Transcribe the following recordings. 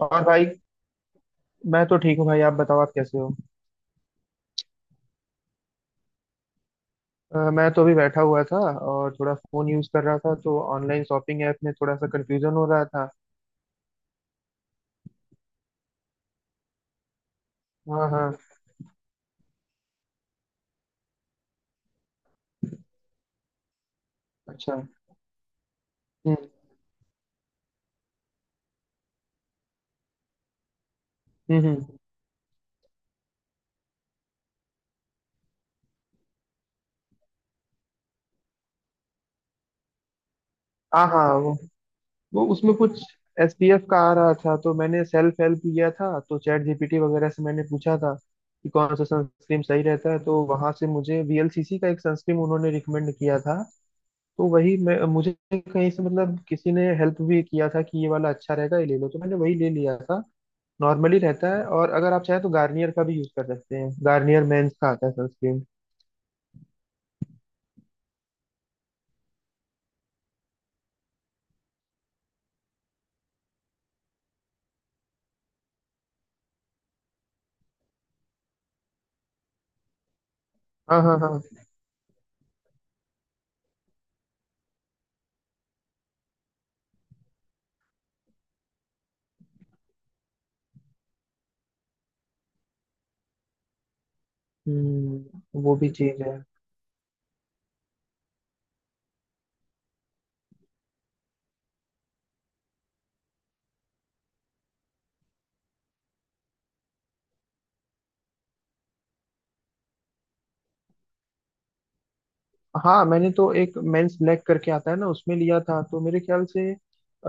और भाई। मैं तो ठीक हूँ भाई, आप बताओ, आप कैसे हो। मैं तो अभी बैठा हुआ था और थोड़ा फोन यूज कर रहा था, तो ऑनलाइन शॉपिंग ऐप में थोड़ा सा कंफ्यूजन हो रहा था। हाँ हाँ। अच्छा। हम्म हम्म हम्म। हाँ हाँ, वो उसमें कुछ एसपीएफ का आ रहा था, तो मैंने सेल्फ हेल्प लिया था, तो चैट जीपीटी वगैरह से मैंने पूछा था कि कौन सा सनस्क्रीन सही रहता है, तो वहां से मुझे वीएलसीसी का एक सनस्क्रीन उन्होंने रिकमेंड किया था। तो वही मैं मुझे कहीं से मतलब किसी ने हेल्प भी किया था कि ये वाला अच्छा रहेगा, ये ले लो, तो मैंने वही ले लिया था। नॉर्मली रहता है, और अगर आप चाहें तो गार्नियर का भी यूज कर सकते हैं, गार्नियर मेंस का आता है सनस्क्रीन। हाँ हाँ हाँ। वो भी चीज है। हाँ, मैंने तो एक मेंस ब्लैक करके आता है ना, उसमें लिया था, तो मेरे ख्याल से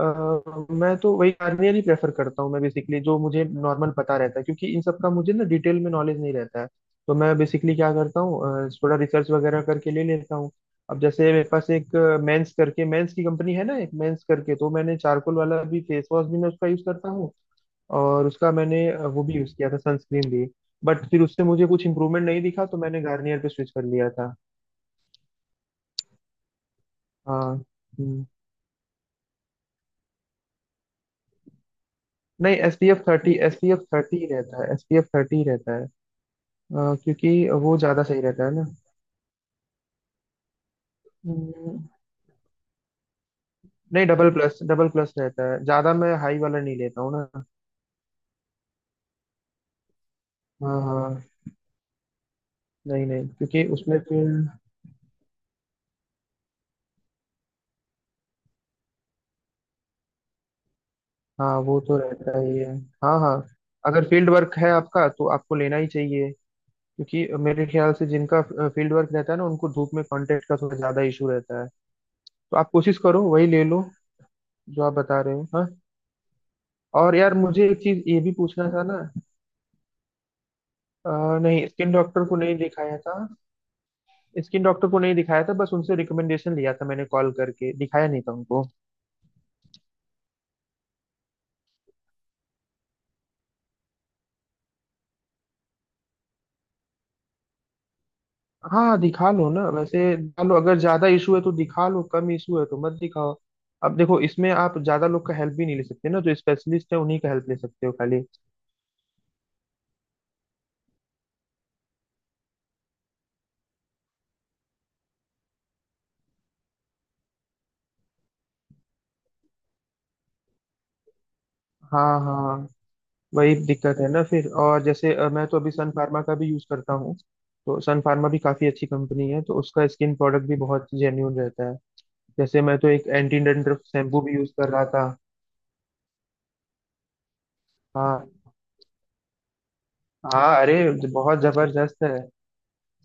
मैं तो वही गार्नियर ही प्रेफर करता हूँ। मैं बेसिकली जो मुझे नॉर्मल पता रहता है, क्योंकि इन सब का मुझे ना डिटेल में नॉलेज नहीं रहता है, तो मैं बेसिकली क्या करता हूँ, थोड़ा रिसर्च वगैरह करके ले लेता हूँ। अब जैसे मेरे पास एक मेंस करके, मेंस की कंपनी है ना एक मेंस करके, तो मैंने चारकोल वाला भी फेस वॉश भी मैं उसका यूज करता हूँ। और उसका मैंने वो भी यूज़ किया था, सनस्क्रीन भी। बट फिर उससे मुझे कुछ इम्प्रूवमेंट नहीं दिखा, तो मैंने गार्नियर पे स्विच कर लिया था। हाँ। हम्म। नहीं, S P F thirty, S P F thirty ही रहता है, एस पी एफ थर्टी ही रहता है। क्योंकि वो ज़्यादा सही रहता है ना। हम्म, नहीं, डबल प्लस, डबल प्लस रहता है, ज़्यादा मैं हाई वाला नहीं लेता हूँ ना। हाँ हाँ। नहीं नहीं, क्योंकि उसमें फिर। हाँ वो तो रहता ही है। हाँ हाँ। अगर फील्ड वर्क है आपका, तो आपको लेना ही चाहिए, क्योंकि मेरे ख्याल से जिनका फील्ड वर्क रहता है ना, उनको धूप में कांटेक्ट का थोड़ा ज्यादा इशू रहता है। तो आप कोशिश करो वही ले लो, जो आप बता रहे हो। हाँ। और यार मुझे एक चीज ये भी पूछना था ना। नहीं, स्किन डॉक्टर को नहीं दिखाया था। स्किन डॉक्टर को नहीं दिखाया था, बस उनसे रिकमेंडेशन लिया था मैंने, कॉल करके दिखाया नहीं था उनको। हाँ दिखा लो ना, वैसे दिखा लो, अगर ज्यादा इशू है तो दिखा लो, कम इशू है तो मत दिखाओ। अब देखो इसमें आप ज्यादा लोग का हेल्प भी नहीं ले सकते ना, जो स्पेशलिस्ट है उन्हीं का हेल्प ले सकते हो खाली। हाँ हाँ हाँ। वही दिक्कत है ना फिर, और जैसे मैं तो अभी सन फार्मा का भी यूज करता हूँ। तो सन फार्मा भी काफी अच्छी कंपनी है, तो उसका स्किन प्रोडक्ट भी बहुत जेन्यून रहता है। जैसे मैं तो एक एंटी डंड्रफ शैम्पू भी यूज कर रहा था। हाँ हाँ। अरे, बहुत जबरदस्त है।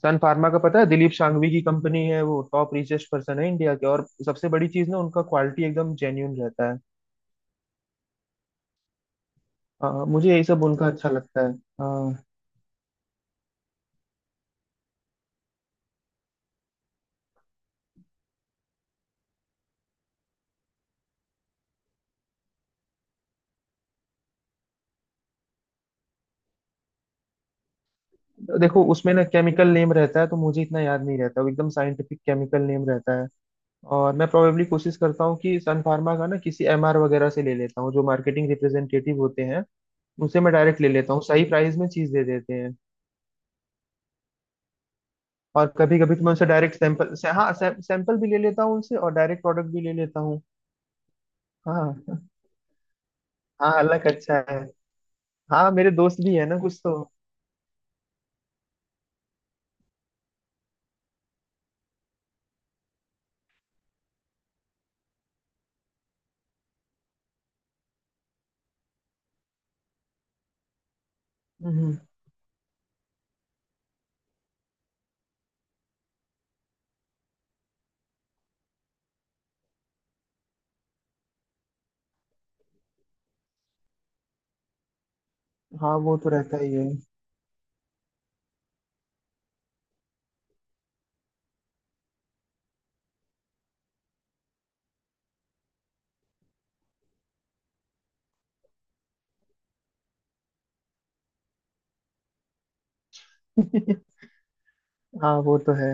सन फार्मा का पता है, दिलीप शांघवी की कंपनी है, वो टॉप रिचेस्ट पर्सन है इंडिया के, और सबसे बड़ी चीज ना उनका क्वालिटी एकदम जेन्यून रहता है। हाँ, मुझे यही सब उनका अच्छा लगता है। हाँ। देखो उसमें ना केमिकल नेम रहता है, तो मुझे इतना याद नहीं रहता, वो एकदम साइंटिफिक केमिकल नेम रहता है। और मैं प्रोबेबली कोशिश करता हूँ कि सन फार्मा का ना किसी एमआर वगैरह से ले लेता हूँ, जो मार्केटिंग रिप्रेजेंटेटिव होते हैं। उनसे मैं डायरेक्ट ले लेता हूँ, सही प्राइस में चीज दे देते हैं। और कभी कभी तो मैं उनसे डायरेक्ट सैंपल से, हाँ सैंपल भी ले लेता हूँ उनसे, और डायरेक्ट प्रोडक्ट भी ले लेता हूँ। हाँ हाँ अलग अच्छा है। हाँ मेरे दोस्त भी है ना कुछ तो। हम्म, हाँ वो तो रहता ही है। हाँ वो तो है।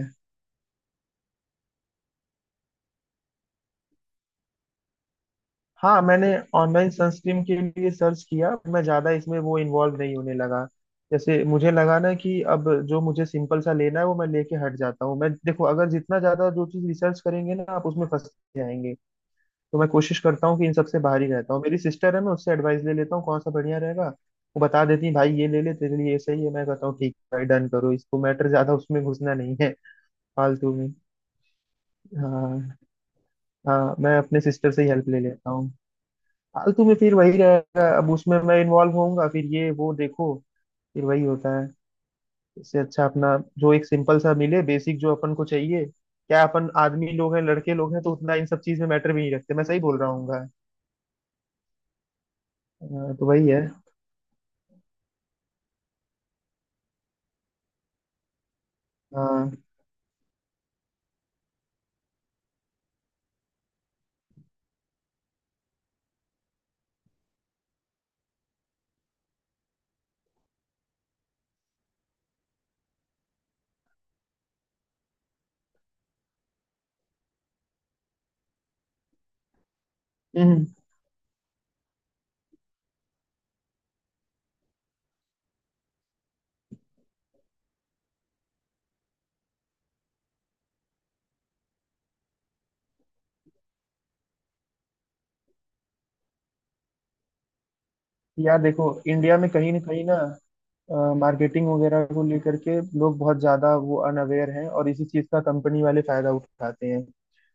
हाँ, मैंने ऑनलाइन सनस्क्रीन के लिए सर्च किया, मैं ज़्यादा इसमें वो इन्वॉल्व नहीं होने लगा। जैसे मुझे लगा ना कि अब जो मुझे सिंपल सा लेना है, वो मैं लेके हट जाता हूँ। मैं देखो अगर जितना ज़्यादा जो चीज़ रिसर्च करेंगे ना आप, उसमें फंस जाएंगे। तो मैं कोशिश करता हूँ कि इन सबसे बाहर ही रहता हूँ, मेरी सिस्टर है, मैं उससे एडवाइस ले लेता हूँ कौन सा बढ़िया रहेगा। वो बता देती है भाई ये ले ले, तेरे लिए ये सही है, मैं कहता हूँ ठीक है भाई डन करो इसको, मैटर ज़्यादा उसमें घुसना नहीं है। फालतू में। हाँ। हाँ मैं अपने सिस्टर से ही हेल्प ले लेता हूँ। फालतू में फिर वही रहेगा, अब उसमें मैं इन्वॉल्व होऊंगा, फिर ये वो देखो, फिर वही होता है। इससे अच्छा अपना जो एक सिंपल सा मिले, बेसिक जो अपन को चाहिए, क्या अपन आदमी लोग हैं, लड़के लोग हैं, तो उतना इन सब चीज में मैटर भी नहीं रखते, मैं सही बोल रहा हूँ। तो वही है। हाँ। हम्म, यार देखो इंडिया में कहीं ना मार्केटिंग वगैरह को लेकर के लोग बहुत ज्यादा वो अनअवेयर हैं, और इसी चीज का कंपनी वाले फायदा उठाते हैं।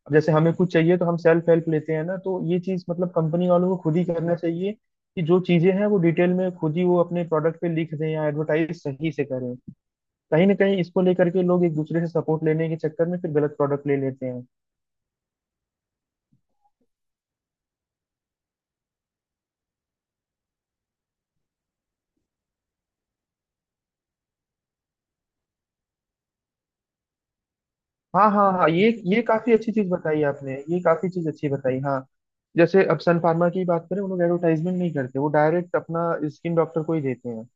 अब जैसे हमें कुछ चाहिए तो हम सेल्फ हेल्प लेते हैं ना, तो ये चीज मतलब कंपनी वालों को खुद ही करना चाहिए कि जो चीजें हैं वो डिटेल में खुद ही वो अपने प्रोडक्ट पे लिख दें, या एडवर्टाइज सही से करें। कहीं ना कहीं इसको लेकर के लोग एक दूसरे से सपोर्ट लेने के चक्कर में फिर गलत प्रोडक्ट ले लेते हैं। हाँ हाँ हाँ, ये काफी अच्छी चीज बताई आपने, ये काफी चीज अच्छी बताई। हाँ, जैसे अब सन फार्मा की बात करें, वो लोग एडवर्टाइजमेंट नहीं करते, वो डायरेक्ट अपना स्किन डॉक्टर को ही देते हैं।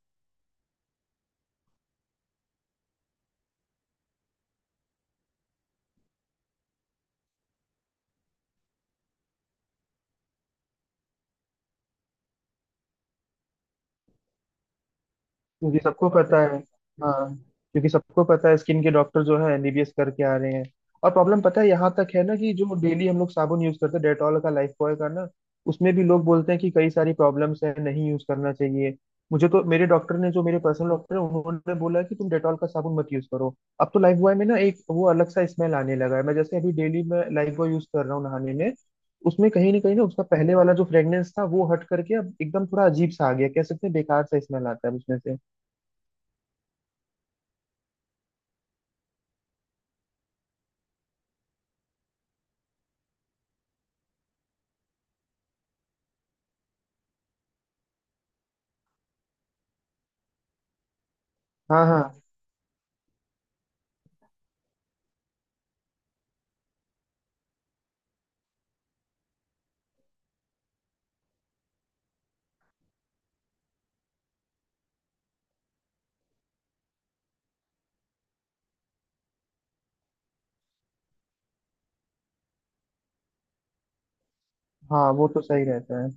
क्योंकि सबको पता है। हाँ। क्योंकि सबको पता है, स्किन के डॉक्टर जो है एमबीबीएस करके आ रहे हैं। और प्रॉब्लम पता है यहाँ तक है ना कि जो डेली हम लोग साबुन यूज करते हैं, डेटॉल का, लाइफ बॉय का ना, उसमें भी लोग बोलते हैं कि कई सारी प्रॉब्लम्स है, नहीं यूज करना चाहिए। मुझे तो मेरे डॉक्टर ने, जो मेरे पर्सनल डॉक्टर है, उन्होंने बोला कि तुम डेटॉल का साबुन मत यूज करो। अब तो लाइफ बॉय में ना एक वो अलग सा स्मेल आने लगा है, मैं जैसे अभी डेली मैं लाइफ बॉय यूज कर रहा हूँ नहाने में, उसमें कहीं ना उसका पहले वाला जो फ्रेग्रेंस था वो हट करके अब एकदम थोड़ा अजीब सा आ गया, कह सकते हैं बेकार सा स्मेल आता है उसमें से। हाँ हाँ। हाँ वो तो सही रहता है।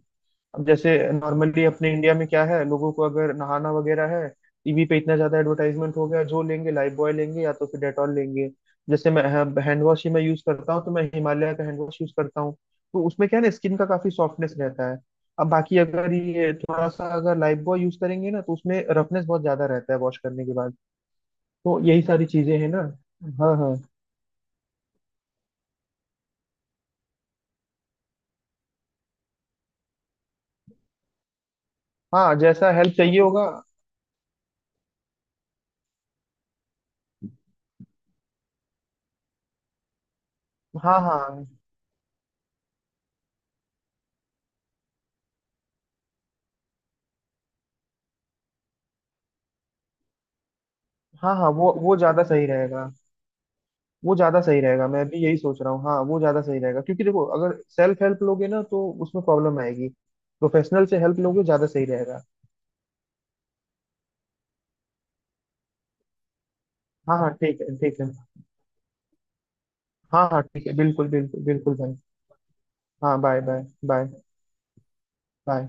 अब जैसे नॉर्मली अपने इंडिया में क्या है, लोगों को अगर नहाना वगैरह है, टीवी पे इतना ज्यादा एडवर्टाइजमेंट हो गया, जो लेंगे लाइफ बॉय लेंगे, या तो फिर डेटॉल लेंगे। जैसे मैं हाँ, हैंड वॉश ही मैं यूज करता हूँ, तो मैं हिमालय का हैंड वॉश यूज करता हूँ। तो उसमें क्या है ना, स्किन का काफी सॉफ्टनेस रहता है। अब बाकी अगर ये थोड़ा सा अगर लाइफ बॉय यूज करेंगे ना, तो उसमें रफनेस बहुत ज्यादा रहता है वॉश करने के बाद। तो यही सारी चीजें हैं ना। हाँ हाँ। हाँ जैसा हेल्प चाहिए होगा। हाँ हाँ हाँ। हाँ वो ज्यादा सही रहेगा, वो ज्यादा सही रहेगा, मैं भी यही सोच रहा हूँ, हाँ वो ज्यादा सही रहेगा, क्योंकि देखो अगर सेल्फ हेल्प लोगे ना तो उसमें प्रॉब्लम आएगी, प्रोफेशनल से हेल्प लोगे ज्यादा सही रहेगा। हाँ हाँ ठीक है, ठीक है। हाँ हाँ ठीक है, बिल्कुल बिल्कुल बिल्कुल भाई। हाँ, बाय बाय। बाय। बाय।